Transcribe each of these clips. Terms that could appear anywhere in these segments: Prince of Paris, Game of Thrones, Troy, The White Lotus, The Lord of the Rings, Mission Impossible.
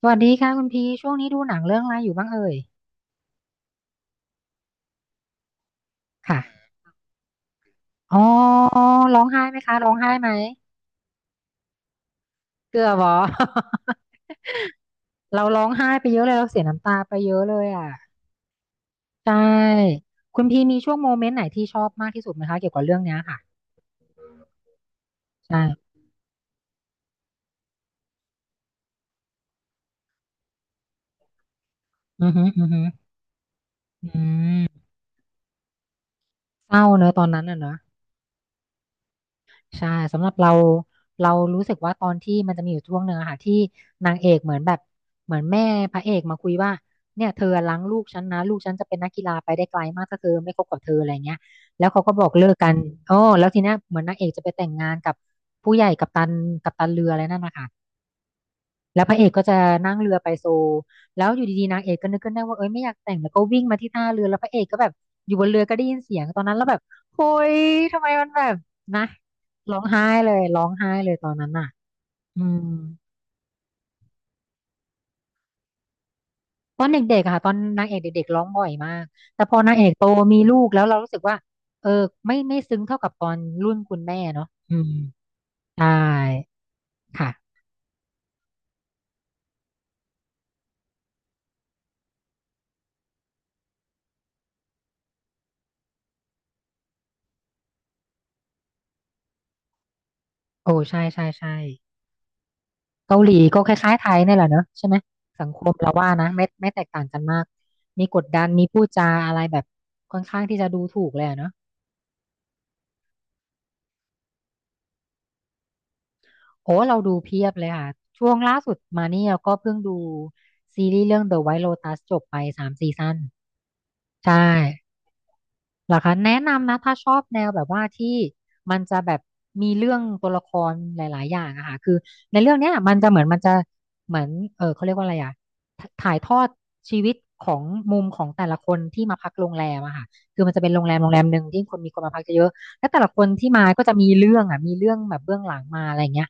สวัสดีค่ะคุณพีช่วงนี้ดูหนังเรื่องอะไรอยู่บ้างเอ่ยค่ะอ๋อร้องไห้ไหมคะร้องไห้ไหมเกือบเหรอ เราร้องไห้ไปเยอะเลยเราเสียน้ำตาไปเยอะเลยอ่ะใช่คุณพีมีช่วงโมเมนต์ไหนที่ชอบมากที่สุดไหมคะเกี่ยวกับเรื่องเนี้ยค่ะใช่อือฮึอือฮึอืมเศร้าเนอะตอนนั้นอ่ะเนอะ ใช่สำหรับเราเรารู้สึกว่าตอนที่มันจะมีอยู่ช่วงหนึ่งอะค่ะที่นางเอกเหมือนแบบเหมือนแม่พระเอกมาคุยว่าเนี่ยเธอล้างลูกฉันนะลูกฉันจะเป็นนักกีฬาไปได้ไกลมากถ้าเธอไม่คบกับเธออะไรเงี้ยแล้วเขาก็บอกเลิกกันโอ้แล้วทีเนี้ยเหมือนนางเอกจะไปแต่งงานกับผู้ใหญ่กัปตันกัปตันเรืออะไรนั่นนะคะ แล้วพระเอกก็จะนั่งเรือไปโซลแล้วอยู่ดีๆนางเอกก็นึกขึ้นได้ว่าเอ้ยไม่อยากแต่งแล้วก็วิ่งมาที่ท่าเรือแล้วพระเอกก็แบบอยู่บนเรือก็ได้ยินเสียงตอนนั้นแล้วแบบโอ้ยทำไมมันแบบนะร้องไห้เลยร้องไห้เลยตอนนั้นน่ะอืมตอนเด็กๆอะค่ะตอนนางเอกเด็กๆร้องบ่อยมากแต่พอนางเอกโตมีลูกแล้วเรารู้สึกว่าเออไม่ซึ้งเท่ากับตอนรุ่นคุณแม่เนาะอืมใช่ค่ะโอ้ใช่ใช่ใช่ เกาหลีก็คล้ายๆไทยนี่แหละเนอะใช่ไหมสังคมเราว่านะไม่แตกต่างกันมากมีกดดันมีพูดจาอะไรแบบค่อนข้างที่จะดูถูกเลยอะเนอะโอ้เราดูเพียบเลยค่ะช่วงล่าสุดมานี่เราก็เพิ่งดูซีรีส์เรื่อง The White Lotus จบไป3 ซีซั่นใช่ เหรอคะแนะนำนะถ้าชอบแนวแบบว่าที่มันจะแบบมีเรื่องตัวละครหลายๆอย่างอะค่ะคือในเรื่องเนี้ยมันจะเหมือนมันจะเหมือนเออเขาเรียกว่าอะไรอะถถ่ายทอดชีวิตของมุมของแต่ละคนที่มาพักโรงแรมอะค่ะคือมันจะเป็นโรงแรมโรงแรมหนึ่งที่คนมีคนมาพักเยอะๆแล้วแต่ละคนที่มาก็จะมีเรื่องอะมีเรื่องแบบเบื้องหลังมาอะไรอย่างเงี้ย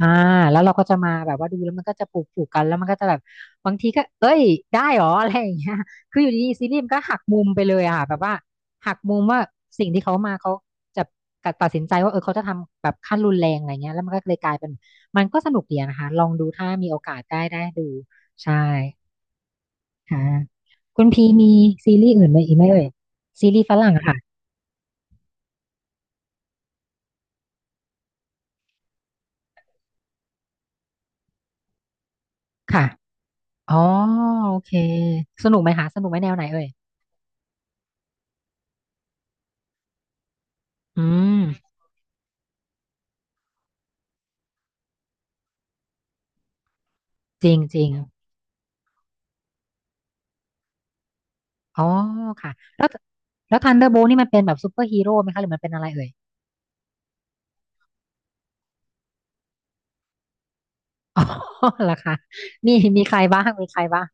อ่าแล้วเราก็จะมาแบบว่าดูแล้วมันก็จะปลูกปลูกกันแล้วมันก็จะแบบบางทีก็เอ้ยได้หรออะไรอย่างเงี้ยคืออยู่ดีๆซีรีส์มันก็หักมุมไปเลยอ่ะแบบว่าหักมุมว่าสิ่งที่เขามาเขาจะตัดสินใจว่าเออเขาจะทำแบบขั้นรุนแรงอะไรเงี้ยแล้วมันก็เลยกลายเป็นมันก็สนุกดีอะนะคะลองดูถ้ามีโอกาสได้ดูใช่ค่ะคุณพีมีซีรีส์อื่นไหมอีกไหมเอ่ยซีรีส์ฝรั่งอะค่ะค่ะอ๋อโอเคสนุกไหมคะสนุกไหมแนวไหนเอ่ยอืมจริงจริง อ๋อค่ะแล้วแล้วทันเดอร์โบนี่มันเป็นแบบซูเปอร์ฮีโร่ไหมคะหรือมันเป็นอะไรเอ่ยอ๋อ เหรอคะมีมีใครบ้างมีใครบ้าง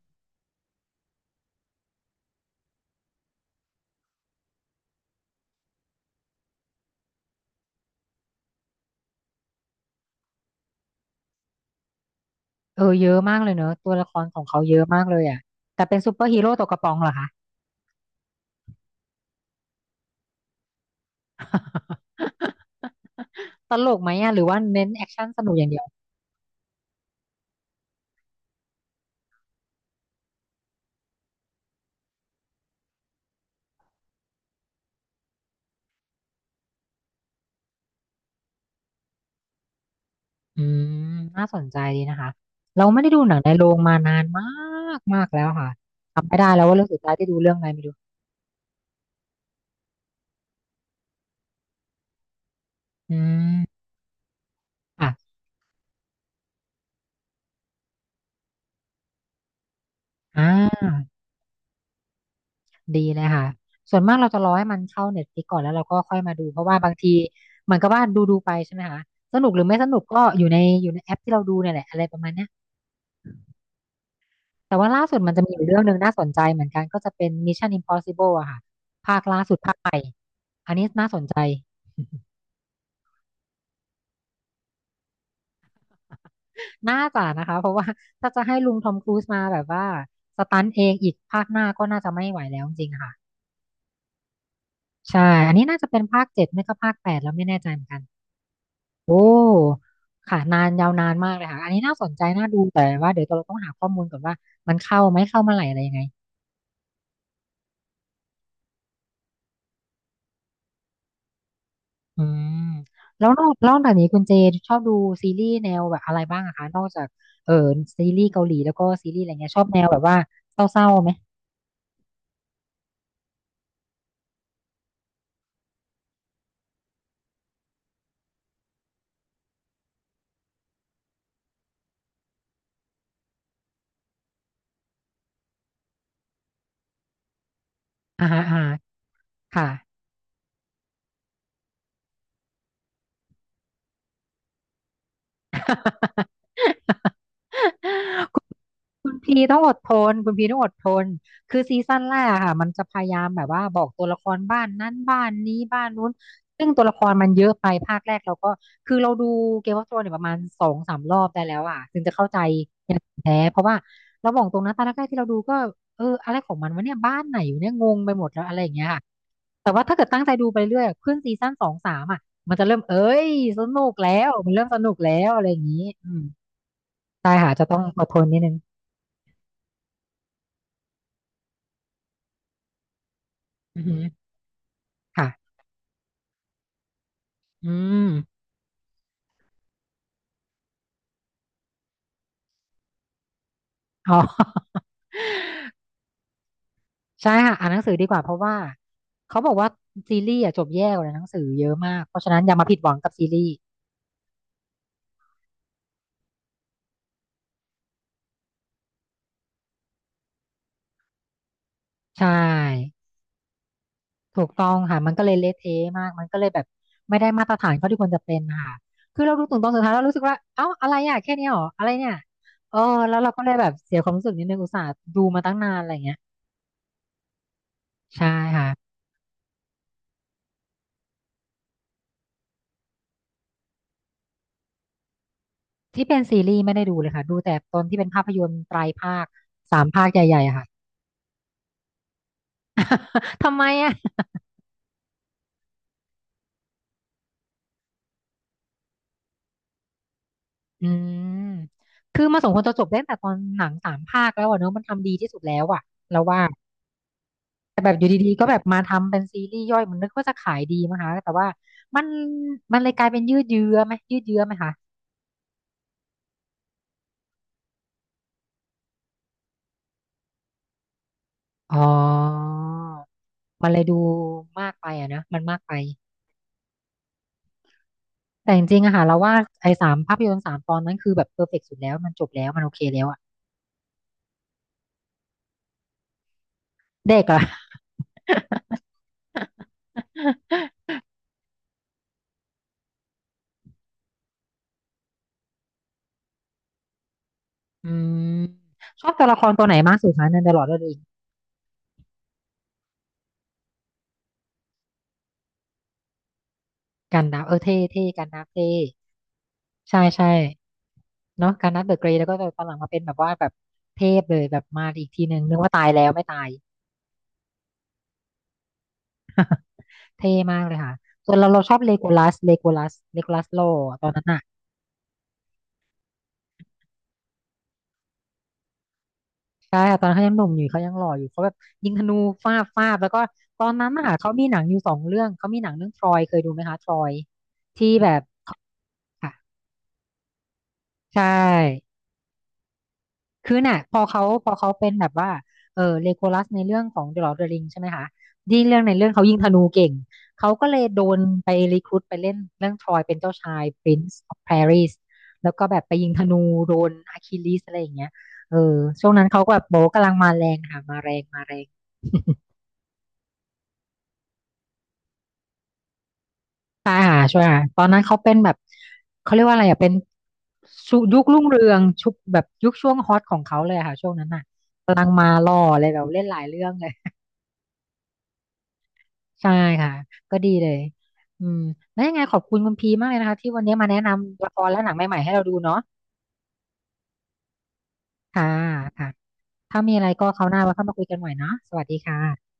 เออเยอะมากเลยเนอะตัวละครของเขาเยอะมากเลยอ่ะแต่เป็นซูเปอร์ฮีโร่ตกกระป๋องเหรอคะ ตลกไหมอ่ะหรือว่าเน้นแอคชั่นสนุกอย่างเดียวอืมน่าสนใจดีนะคะเราไม่ได้ดูหนังในโรงมานานมากมากแล้วค่ะจำไม่ได้แล้วว่าเรื่องสุดท้ายที่ดูเรื่องอะไรไม่รู้อืมอ่ะอ่า ดีเลยค่ะ ส่วนมากเราจะรอให้มันเข้าเน็ตฟลิกก่อนแล้วเราก็ค่อยมาดูเพราะว่าบางทีเหมือนกับว่าดูไปใช่ไหมคะสนุกหรือไม่สนุกก็อยู่ในอยู่ในแอปที่เราดูเนี่ยแหละอะไรประมาณเนี้ยแต่ว่าล่าสุดมันจะมีอยู่เรื่องหนึ่งน่าสนใจเหมือนกันก็จะเป็น Mission Impossible อะค่ะภาคล่าสุดภาคใหม่อันนี้น่าสนใจน่าจะนะคะเพราะว่าถ้าจะให้ลุงทอมครูซมาแบบว่าสตันเองอีกภาคหน้าก็น่าจะไม่ไหวแล้วจริงๆค่ะใช่อันนี้น่าจะเป็นภาค 7ไม่ก็ภาค 8แล้วไม่แน่ใจเหมือนกัน โอ้ค่ะนานยาวนานมากเลยค่ะอันนี้น่าสนใจน่าดูแต่ว่าเดี๋ยวเราต้องหาข้อมูลก่อนว่ามันเข้าไหมเข้าเมื่อไหร่อะไรยังไงอืมแล้วนอกจากนี้คุณเจชอบดูซีรีส์แนวแบบอะไรบ้างอะคะนอกจากเออซีรีส์เกาหลีแล้วก็ซีรีส์อะไรเงี้ยชอบแนวแบบว่าเศร้าๆไหมอ่าฮะอ่าฮะค่ะ คุณพีต้องอดทนคุณพีต้องอดทนคือซีซั่นแรกอะค่ะมันจะพยายามแบบว่าบอกตัวละครบ้านนั้นบ้านนี้บ้านนู้นซึ่งตัวละครมันเยอะไปภาคแรกเราก็คือเราดูเกม e อ f โ h r o n e s เนี่ยประมาณสองสามรอบได้แล้วอ่ะถึงจะเข้าใจอย่างแท้เพราะว่าเราบอกตรงนะตอนแรกๆที่เราดูก็เอออะไรของมันวะเนี่ยบ้านไหนอยู่เนี่ยงงไปหมดแล้วอะไรอย่างเงี้ยค่ะแต่ว่าถ้าเกิดตั้งใจดูไปเรื่อยอะขึ้นซีซั่นสองสามอ่ะมันจะเริ่มเอ้ยสนุกแล้วมันเริ่มสนุกแล้วอะไรอย่างงี้อืมใช่ค่ะจะต้องอดทนนิดนึงอือหือ ค่ะอืมอ๋อ ใช่ค่ะอ่านหนังสือดีกว่าเพราะว่าเขาบอกว่าซีรีส์อะจบแย่กว่าหนังสือเยอะมากเพราะฉะนั้นอย่ามาผิดหวังกับซีรีส์ใช่ถูกต้องค่ะมันก็เลยเละเทะมาก มันก็เลยแบบไม่ได้มาตรฐานเขาที่ควรจะเป็นค่ะคือเราดูถึงตอนสุดท้ายเรารู้สึกว่าเอ้าอะไรอ่ะแค่เนี้ยเหรออะไรเนี่ยเออแล้วเราก็เลยแบบเสียความรู้สึกนิดนึงอุตส่าห์ดูมาตั้งนานอะไรเงี้ยใช่ค่ะที่เป็นซีรีส์ไม่ได้ดูเลยค่ะดูแต่ตอนที่เป็นภาพยนตร์ไตรภาคสามภาคใหญ่ๆอะค่ะ ทำไมอะ อืม คือมาสมควรจะจบได้ตั้งแต่ตอนหนังสามภาคแล้วอะเนอะมันทำดีที่สุดแล้วอะเราว่าแต่แบบอยู่ดีๆก็แบบมาทำเป็นซีรีส์ย่อยมันนึกว่าจะขายดีมั้งคะแต่ว่ามันเลยกลายเป็นยืดเยื้อไหมยืดเยื้อไหมคะอ๋อมันเลยดูมากไปอะนะมันมากไปแต่จริงๆอะค่ะเราว่าไอ้สามภาพยนตร์สามตอนนั้นคือแบบเพอร์เฟกต์สุดแล้วมันจบแล้วมันโอเคแล้วอะเด็กอะ อืมชอบตัวละครตัวไหนมากสุดคะในตดอะลอร์ดเร กันดั้มเออเท่เท่กันดั้มเท่ใช่ใช่เนาะกันดั้มเดอะเกรย์แล้วก็แบบตอนหลังมาเป็นแบบว่าแบบเทพเลยแบบมาอีกทีหนึ่งนึกว่าตายแล้วไม่ตายเท่มากเลยค่ะส่วนเราเราชอบเลโกลัสเลโกลัสเลโกลัสโลตอนนั้นอ่ะใช่ค่ะตอนนนเขายังหนุ่มอยู่เขายังหล่ออยู่เขาแบบยิงธนูฟาดฟาดแล้วก็ตอนนั้นน่ะเขามีหนังอยู่สองเรื่องเขามีหนังเรื่องทรอยเคยดูไหมคะทรอยที่แบบค่ะใช่ คือน่ะพอเขาเป็นแบบว่าเออเลโกลัสในเรื่องของ The Lord of the Ring ใช่ไหมคะที่งเรื่องในเรื่องเขายิงธนูเก่งเขาก็เลยโดนไปรีครูทไปเล่นเรื่องทรอยเป็นเจ้าชาย Prince of Paris แล้วก็แบบไปยิงธนูโดนอะคิลิสอะไรอย่างเงี้ยเออช่วงนั้นเขาก็แบบโบะกำลังมาแรงค่ะมาแรงมาแรง ใช่ค่ะใช่ค่ะตอนนั้นเขาเป็นแบบเขาเรียกว่าอะไรอ่ะเป็นชุยุครุ่งเรืองชุบแบบยุคช่วงฮอตของเขาเลยอะค่ะช่วงนั้นอ่ะกำลังมาล่อเลยแบบเล่นหลายเรื่องเลย ใช่ค่ะก็ดีเลยอืมแล้วยังไงขอบคุณคุณพีมากเลยนะคะที่วันนี้มาแนะนำละครและหนังใหม่ๆให้เราดูเนาะค่ะค่ะถ้ามีอะไรก็คราวหน้าเราค่อยมาคุยกันใหม่เนาะสวัสดีค่ะ